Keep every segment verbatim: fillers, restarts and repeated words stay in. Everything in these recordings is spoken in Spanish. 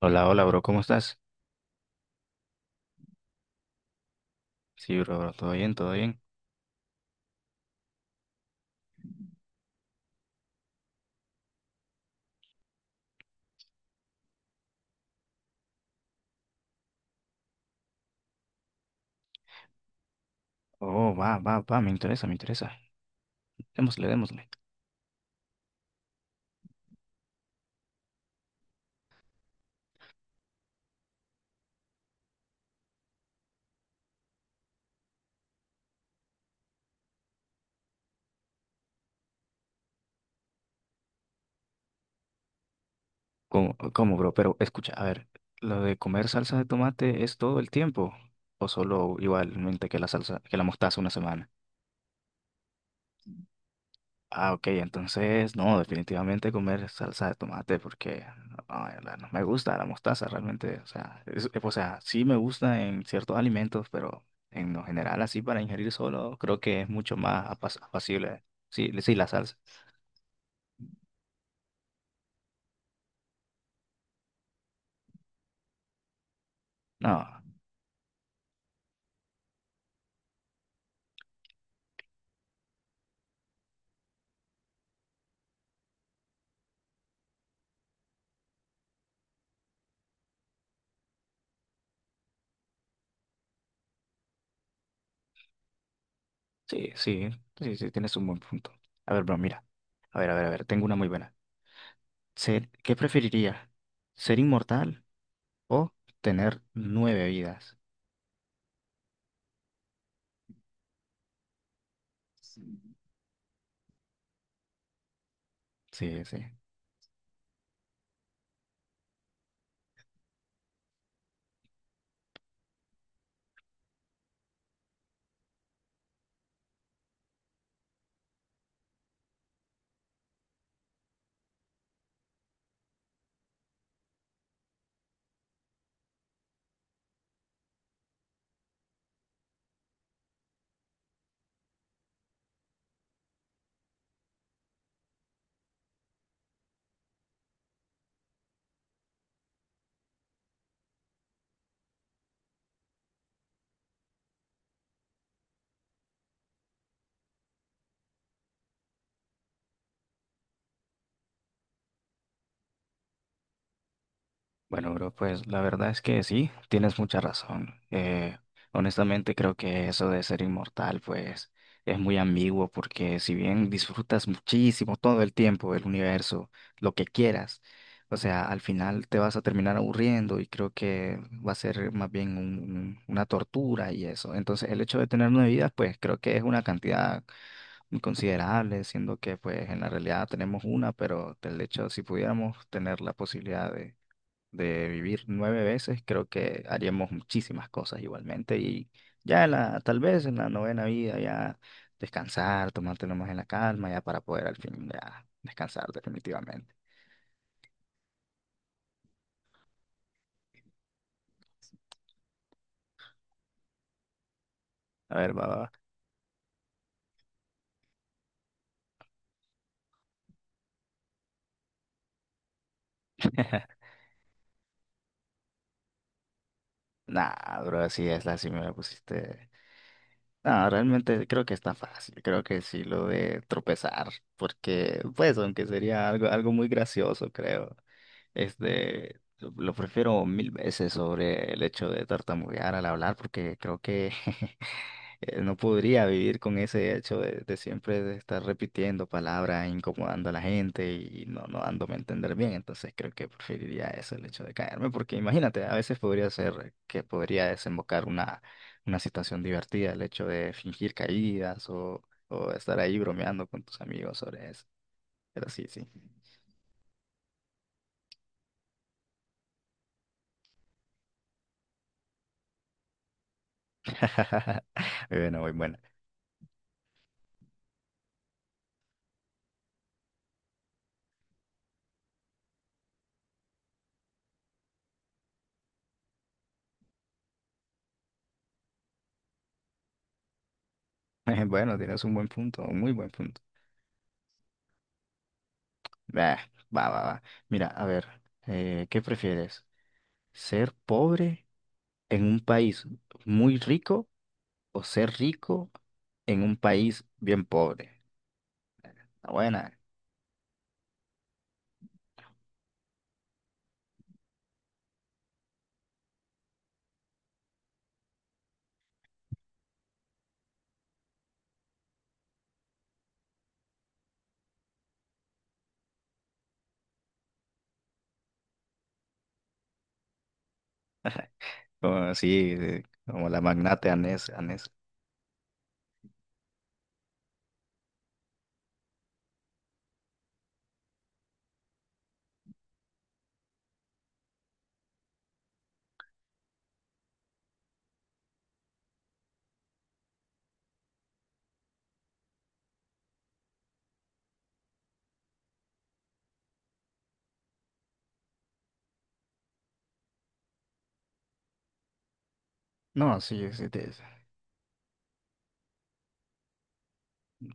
Hola, hola, bro, ¿cómo estás? Sí, bro, bro, todo bien, todo bien. Oh, va, va, va, me interesa, me interesa. Démosle, démosle. ¿Cómo, cómo, bro? Pero escucha, a ver, ¿lo de comer salsa de tomate es todo el tiempo? ¿O solo igualmente que la salsa, que la mostaza una semana? Ah, ok, entonces, no, definitivamente comer salsa de tomate porque ay, la- no, me gusta la mostaza realmente. O sea, es- eh, o sea, sí me gusta en ciertos alimentos, pero en lo general, así para ingerir solo, creo que es mucho más apas- apacible. Sí, sí, la salsa. No, sí, sí, sí, sí, tienes un buen punto. A ver, bro, mira. A ver, a ver, a ver, tengo una muy buena. Ser, ¿qué preferiría? ¿Ser inmortal o tener nueve vidas? Sí, sí. Bueno, bro, pues la verdad es que sí, tienes mucha razón. Eh, honestamente creo que eso de ser inmortal, pues es muy ambiguo porque si bien disfrutas muchísimo todo el tiempo el universo, lo que quieras, o sea, al final te vas a terminar aburriendo y creo que va a ser más bien un- un- una tortura y eso. Entonces, el hecho de tener nueve vidas, pues creo que es una cantidad muy considerable, siendo que pues en la realidad tenemos una, pero del hecho si pudiéramos tener la posibilidad de de vivir nueve veces, creo que haríamos muchísimas cosas igualmente y ya en la, tal vez en la novena vida ya descansar, tomártelo más en la calma ya para poder al fin ya descansar definitivamente. A ver, va, va. Va. Nah, bro, así es, así me la pusiste. No, realmente creo que está fácil, creo que sí lo de tropezar, porque pues aunque sería algo, algo muy gracioso, creo. Este, lo prefiero mil veces sobre el hecho de tartamudear al hablar, porque creo que eh, no podría vivir con ese hecho de, de siempre de estar repitiendo palabras, incomodando a la gente y no, no dándome a entender bien. Entonces creo que preferiría eso, el hecho de caerme, porque imagínate, a veces podría ser que podría desembocar una, una situación divertida, el hecho de fingir caídas o, o estar ahí bromeando con tus amigos sobre eso. Pero sí, sí. Bueno, muy bueno. Bueno, tienes un buen punto, un muy buen punto. Bah, va, va, va. Mira, a ver, eh, ¿qué prefieres? ¿Ser pobre en un país muy rico o ser rico en un país bien pobre? Está buena, como así, eh, como la magnate Anés, Anés. No, sí, sí,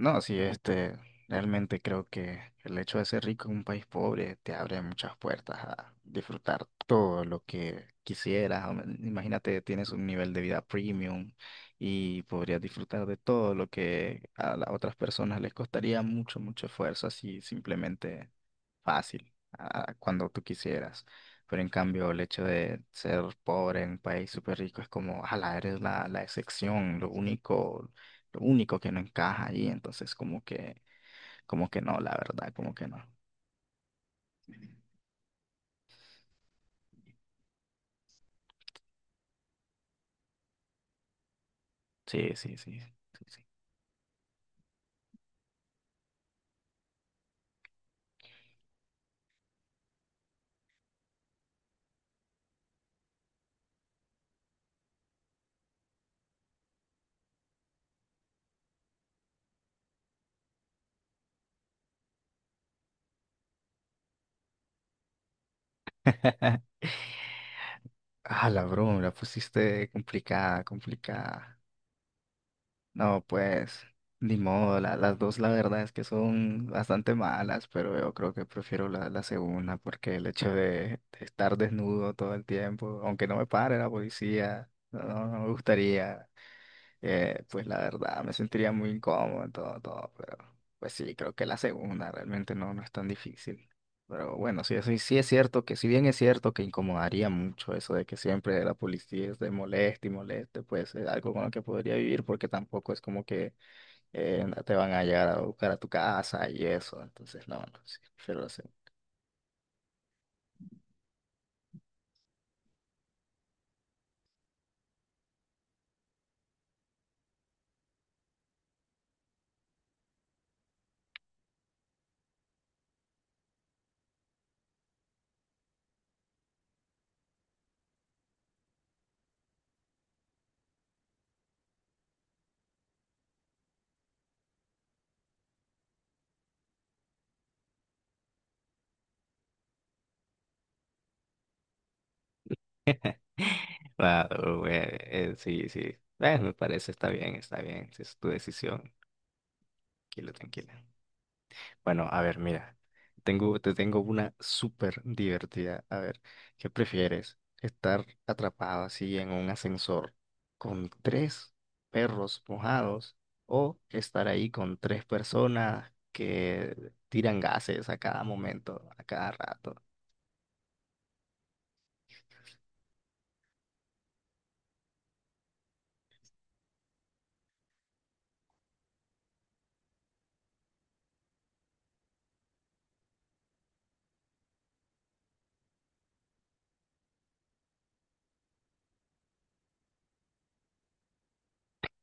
no, sí, este, realmente creo que el hecho de ser rico en un país pobre te abre muchas puertas a disfrutar todo lo que quisieras. Am- Imagínate, tienes un nivel de vida premium y podrías disfrutar de todo lo que a las otras personas les costaría mucho, mucho esfuerzo, así simplemente fácil, a- cuando tú quisieras. Pero en cambio, el hecho de ser pobre en un país súper rico es como, ala, eres la, la excepción, lo único lo único que no encaja ahí, entonces como que, como que no, la verdad, como que no. Sí, sí, sí, sí, sí. Ah, la broma, la pusiste complicada, complicada. No, pues, ni modo, la- las dos la verdad es que son bastante malas, pero yo creo que prefiero la, la segunda porque el hecho de, de estar desnudo todo el tiempo, aunque no me pare la policía, no, no no me gustaría. Eh, pues la verdad, me sentiría muy incómodo en todo, todo, pero pues sí, creo que la segunda realmente no, no es tan difícil. Pero bueno, sí, eso sí es cierto que si bien es cierto que incomodaría mucho eso de que siempre la policía esté moleste y moleste, pues es algo con lo que podría vivir porque tampoco es como que eh, te van a llegar a buscar a tu casa y eso, entonces no, no, sí, prefiero la segunda. Claro, güey, eh, sí, sí. Bueno, me parece, está bien, está bien. Sí, es tu decisión. Tranquilo, tranquilo. Bueno, a ver, mira, tengo, te tengo una súper divertida. A ver, ¿qué prefieres? ¿Estar atrapado así en un ascensor con tres perros mojados o estar ahí con tres personas que tiran gases a cada momento, a cada rato?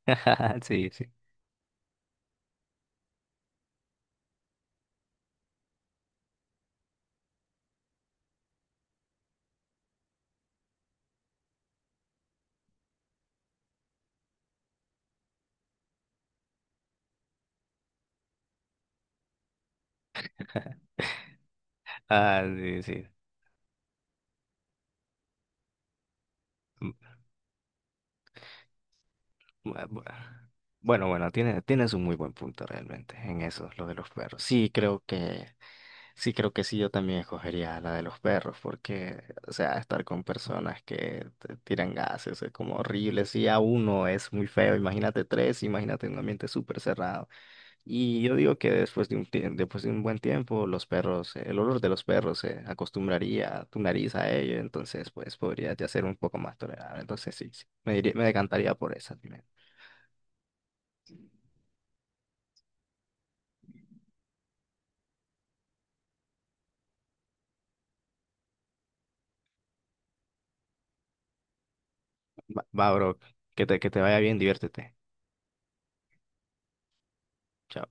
Sí, sí. Ah, sí, sí. Mm, bu- bu- Bueno, bueno, tienes, tienes un muy buen punto realmente en eso, lo de los perros. Sí, creo que Sí, creo que sí, yo también escogería la de los perros, porque, o sea, estar con personas que te tiran gases es como horrible. Si a uno es muy feo, imagínate tres, imagínate un ambiente súper cerrado. Y yo digo que después de un, tie- después de un buen tiempo, los perros, eh, el olor de los perros se acostumbraría tu nariz a ello, entonces, pues, podría ya ser un poco más tolerable. Entonces, sí, sí, me diría- me decantaría por esa. Dime. Va, va, bro, que te, que te vaya bien, diviértete. Chao.